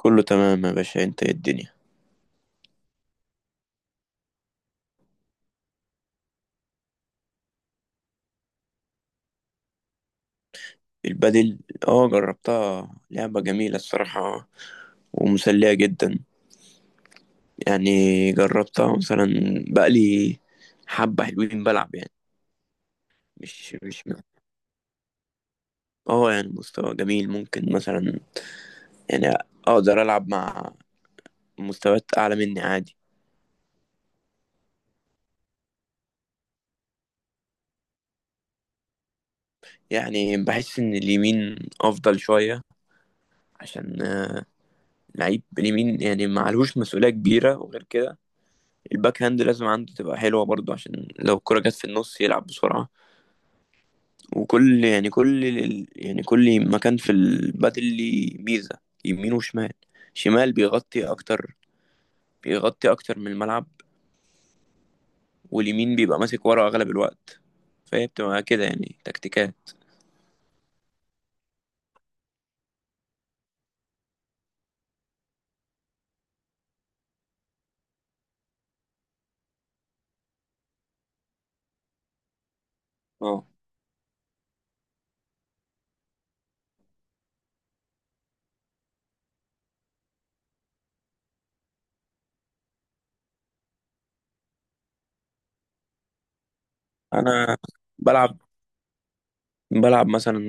كله تمام يا باشا، انت ايه الدنيا؟ البادل؟ اه، جربتها. لعبة جميلة الصراحة ومسلية جدا. يعني جربتها مثلا بقالي حبة حلوين بلعب يعني. مش اه يعني مستوى جميل، ممكن مثلا يعني اقدر العب مع مستويات اعلى مني عادي. يعني بحس ان اليمين افضل شوية عشان لعيب اليمين يعني معلهوش مسؤولية كبيرة، وغير كده الباك هاند لازم عنده تبقى حلوة برضو، عشان لو الكرة جت في النص يلعب بسرعة. وكل يعني كل ال- يعني كل مكان في البادل ليه ميزة، يمين وشمال. شمال بيغطي أكتر من الملعب، واليمين بيبقى ماسك ورا أغلب الوقت، فهي بتبقى كده يعني تكتيكات. اه، أنا بلعب بلعب مثلا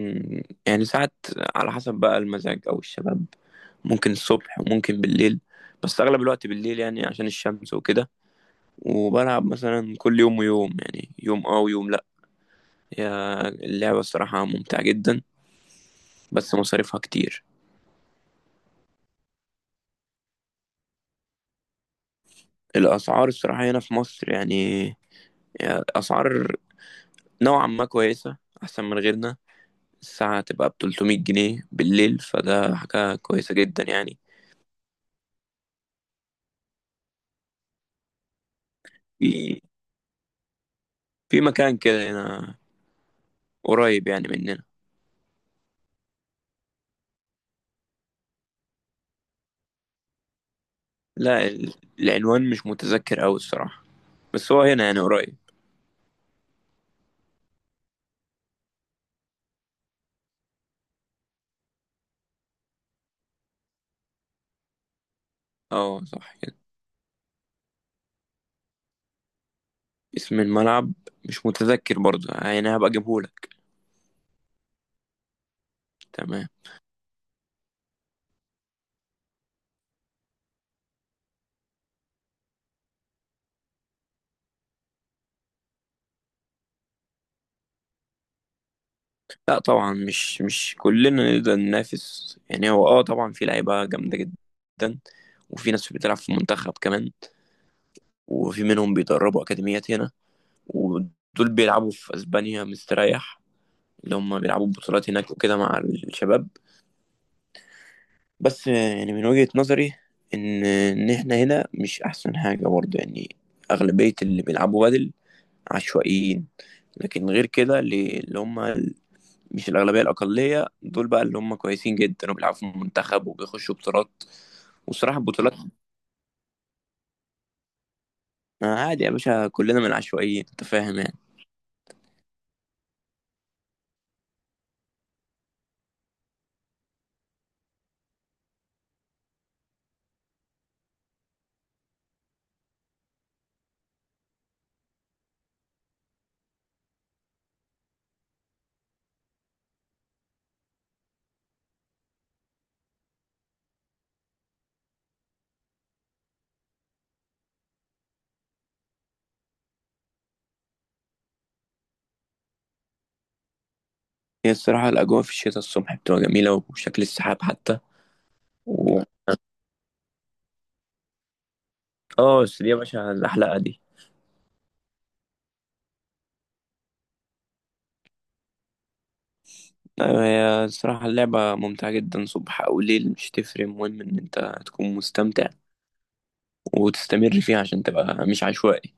يعني ساعات، على حسب بقى المزاج أو الشباب، ممكن الصبح وممكن بالليل. بس أغلب الوقت بالليل يعني عشان الشمس وكده. وبلعب مثلا كل يوم ويوم، يعني يوم اه ويوم لأ. هي اللعبة الصراحة ممتعة جدا، بس مصاريفها كتير. الأسعار الصراحة هنا في مصر يعني أسعار نوعا ما كويسة، أحسن من غيرنا. الساعة تبقى ب300 جنيه بالليل، فده حاجة كويسة جدا يعني. في في مكان كده هنا قريب يعني مننا. لا، العنوان مش متذكر أوي الصراحة، بس هو هنا يعني قريب. اه، صح كده. اسم الملعب مش متذكر برضه، يعني هبقى اجيبهولك. تمام. لا طبعا، مش كلنا نقدر ننافس. يعني هو طبعا في لعيبة جامدة جدا، وفي ناس بتلعب في المنتخب كمان، وفي منهم بيدربوا أكاديميات هنا. ودول بيلعبوا في أسبانيا مستريح، اللي هم بيلعبوا بطولات هناك وكده مع الشباب. بس يعني من وجهة نظري إن إحنا هنا مش أحسن حاجة برضه يعني. أغلبية اللي بيلعبوا بدل عشوائيين. لكن غير كده اللي هم مش الأغلبية، الأقلية دول بقى، اللي هم كويسين جدا وبيلعبوا في المنتخب وبيخشوا بطولات. والصراحة البطولات آه، عادي يا باشا، كلنا من العشوائيين، أنت فاهم يعني. هي الصراحة الأجواء في الشتاء الصبح بتبقى جميلة، وشكل السحاب حتى و. اه بس دي يا باشا الأحلقة دي. أيوة، هي الصراحة اللعبة ممتعة جدا صبح أو ليل، مش تفرق. المهم إن أنت تكون مستمتع وتستمر فيها عشان تبقى مش عشوائي.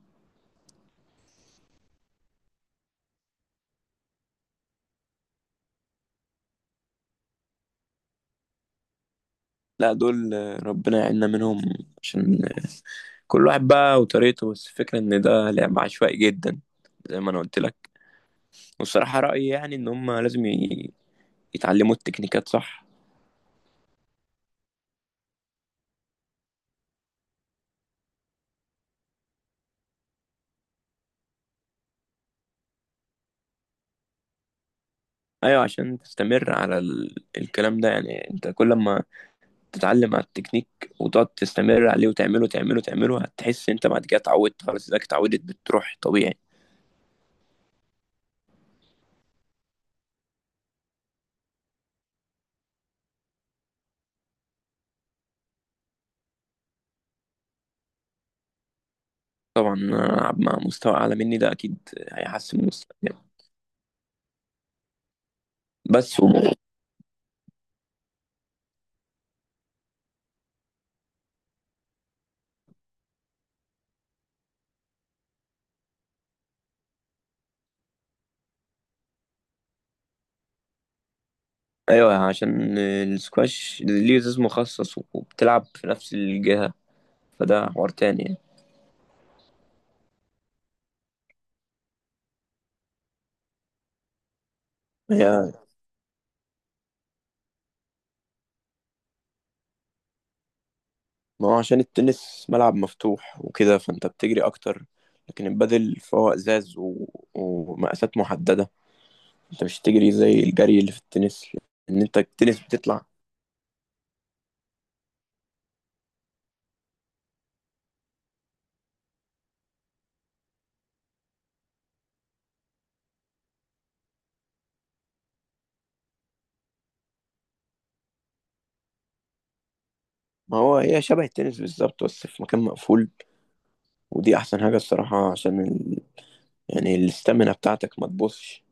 لا دول، ربنا يعيننا منهم. عشان كل واحد بقى وطريقته، بس الفكرة ان ده لعب عشوائي جدا، زي ما انا قلت لك. والصراحة رأيي يعني ان هم لازم يتعلموا التكنيكات، صح. ايوه، عشان تستمر على الكلام ده. يعني انت كل ما تتعلم على التكنيك، وتقعد تستمر عليه وتعمله تعمله تعمله، هتحس انت بعد كده اتعودت. خلاص، اذا اتعودت بتروح طبيعي. طبعا، العب مع مستوى اعلى مني ده اكيد هيحسن من مستواي. بس و. ايوه، عشان السكواش ليه زي مخصص وبتلعب في نفس الجهة، فده حوار تاني يعني. هي، ما هو عشان التنس ملعب مفتوح وكده فانت بتجري اكتر. لكن البادل فهو ازاز و... ومقاسات محدده. انت مش تجري زي الجري اللي في التنس. ان انت التنس بتطلع. ما هو هي شبه التنس بالظبط، بس في مكان مقفول. ودي احسن حاجه الصراحه، عشان ال... يعني الاستامينا بتاعتك ما تبصش،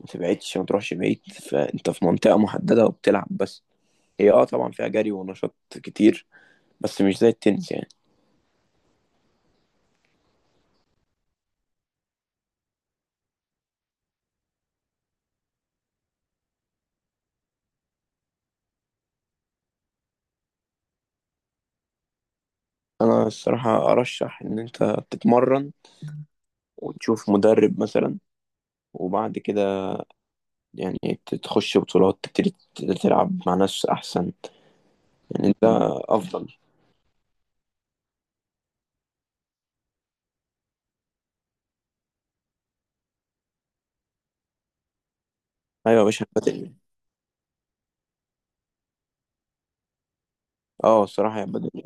ما تبعدش، ما تروحش بعيد، فانت في منطقه محدده وبتلعب بس. هي طبعا فيها جري ونشاط كتير، بس مش زي التنس يعني. انا الصراحة ارشح ان انت تتمرن، وتشوف مدرب مثلا، وبعد كده يعني تخش بطولات، تبتدي تلعب مع ناس احسن. يعني انت افضل. ايوه يا باشا، هيبقى دنيا. اه الصراحة هيبقى دنيا.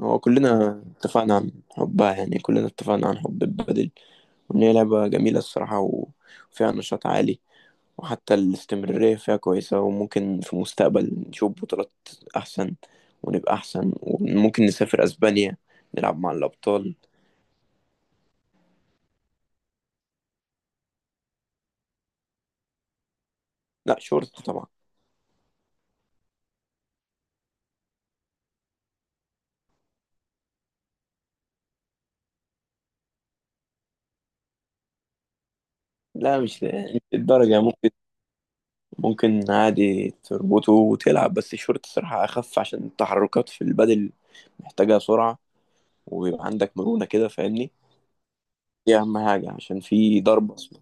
هو كلنا اتفقنا عن حبها يعني، كلنا اتفقنا عن حب البادل، وان هي لعبة جميلة الصراحة و- وفيها نشاط عالي. وحتى الاستمرارية فيها كويسة، وممكن في المستقبل نشوف بطولات احسن، ونبقى احسن، وممكن نسافر اسبانيا نلعب مع الابطال. لا، شورت طبعا. لا مش الدرجة، ممكن. ممكن عادي تربطه وتلعب، بس الشورت الصراحة أخف عشان التحركات في البدل محتاجة سرعة. ويبقى عندك مرونة كده، فاهمني. دي أهم حاجة عشان في ضرب أصلا.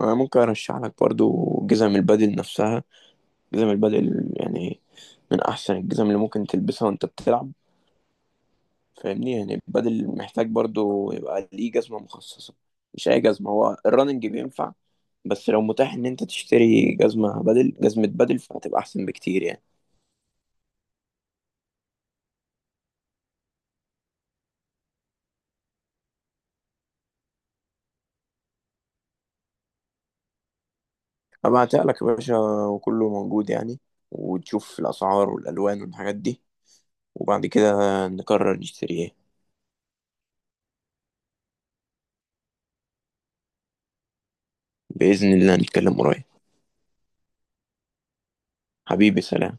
أنا ممكن أرشح لك برضو جزم البدل نفسها. جزم البدل يعني من أحسن الجزم اللي ممكن تلبسها وأنت بتلعب. فاهمني؟ يعني بدل محتاج برضو يبقى ليه جزمة مخصصة، مش أي جزمة. هو الرننج بينفع، بس لو متاح إن أنت تشتري جزمة بدل، جزمة بدل فهتبقى أحسن بكتير يعني. هبعتها لك يا باشا، وكله موجود يعني. وتشوف الأسعار والألوان والحاجات دي، وبعد كده نقرر نشتري إيه. بإذن الله، نتكلم قريب. حبيبي، سلام.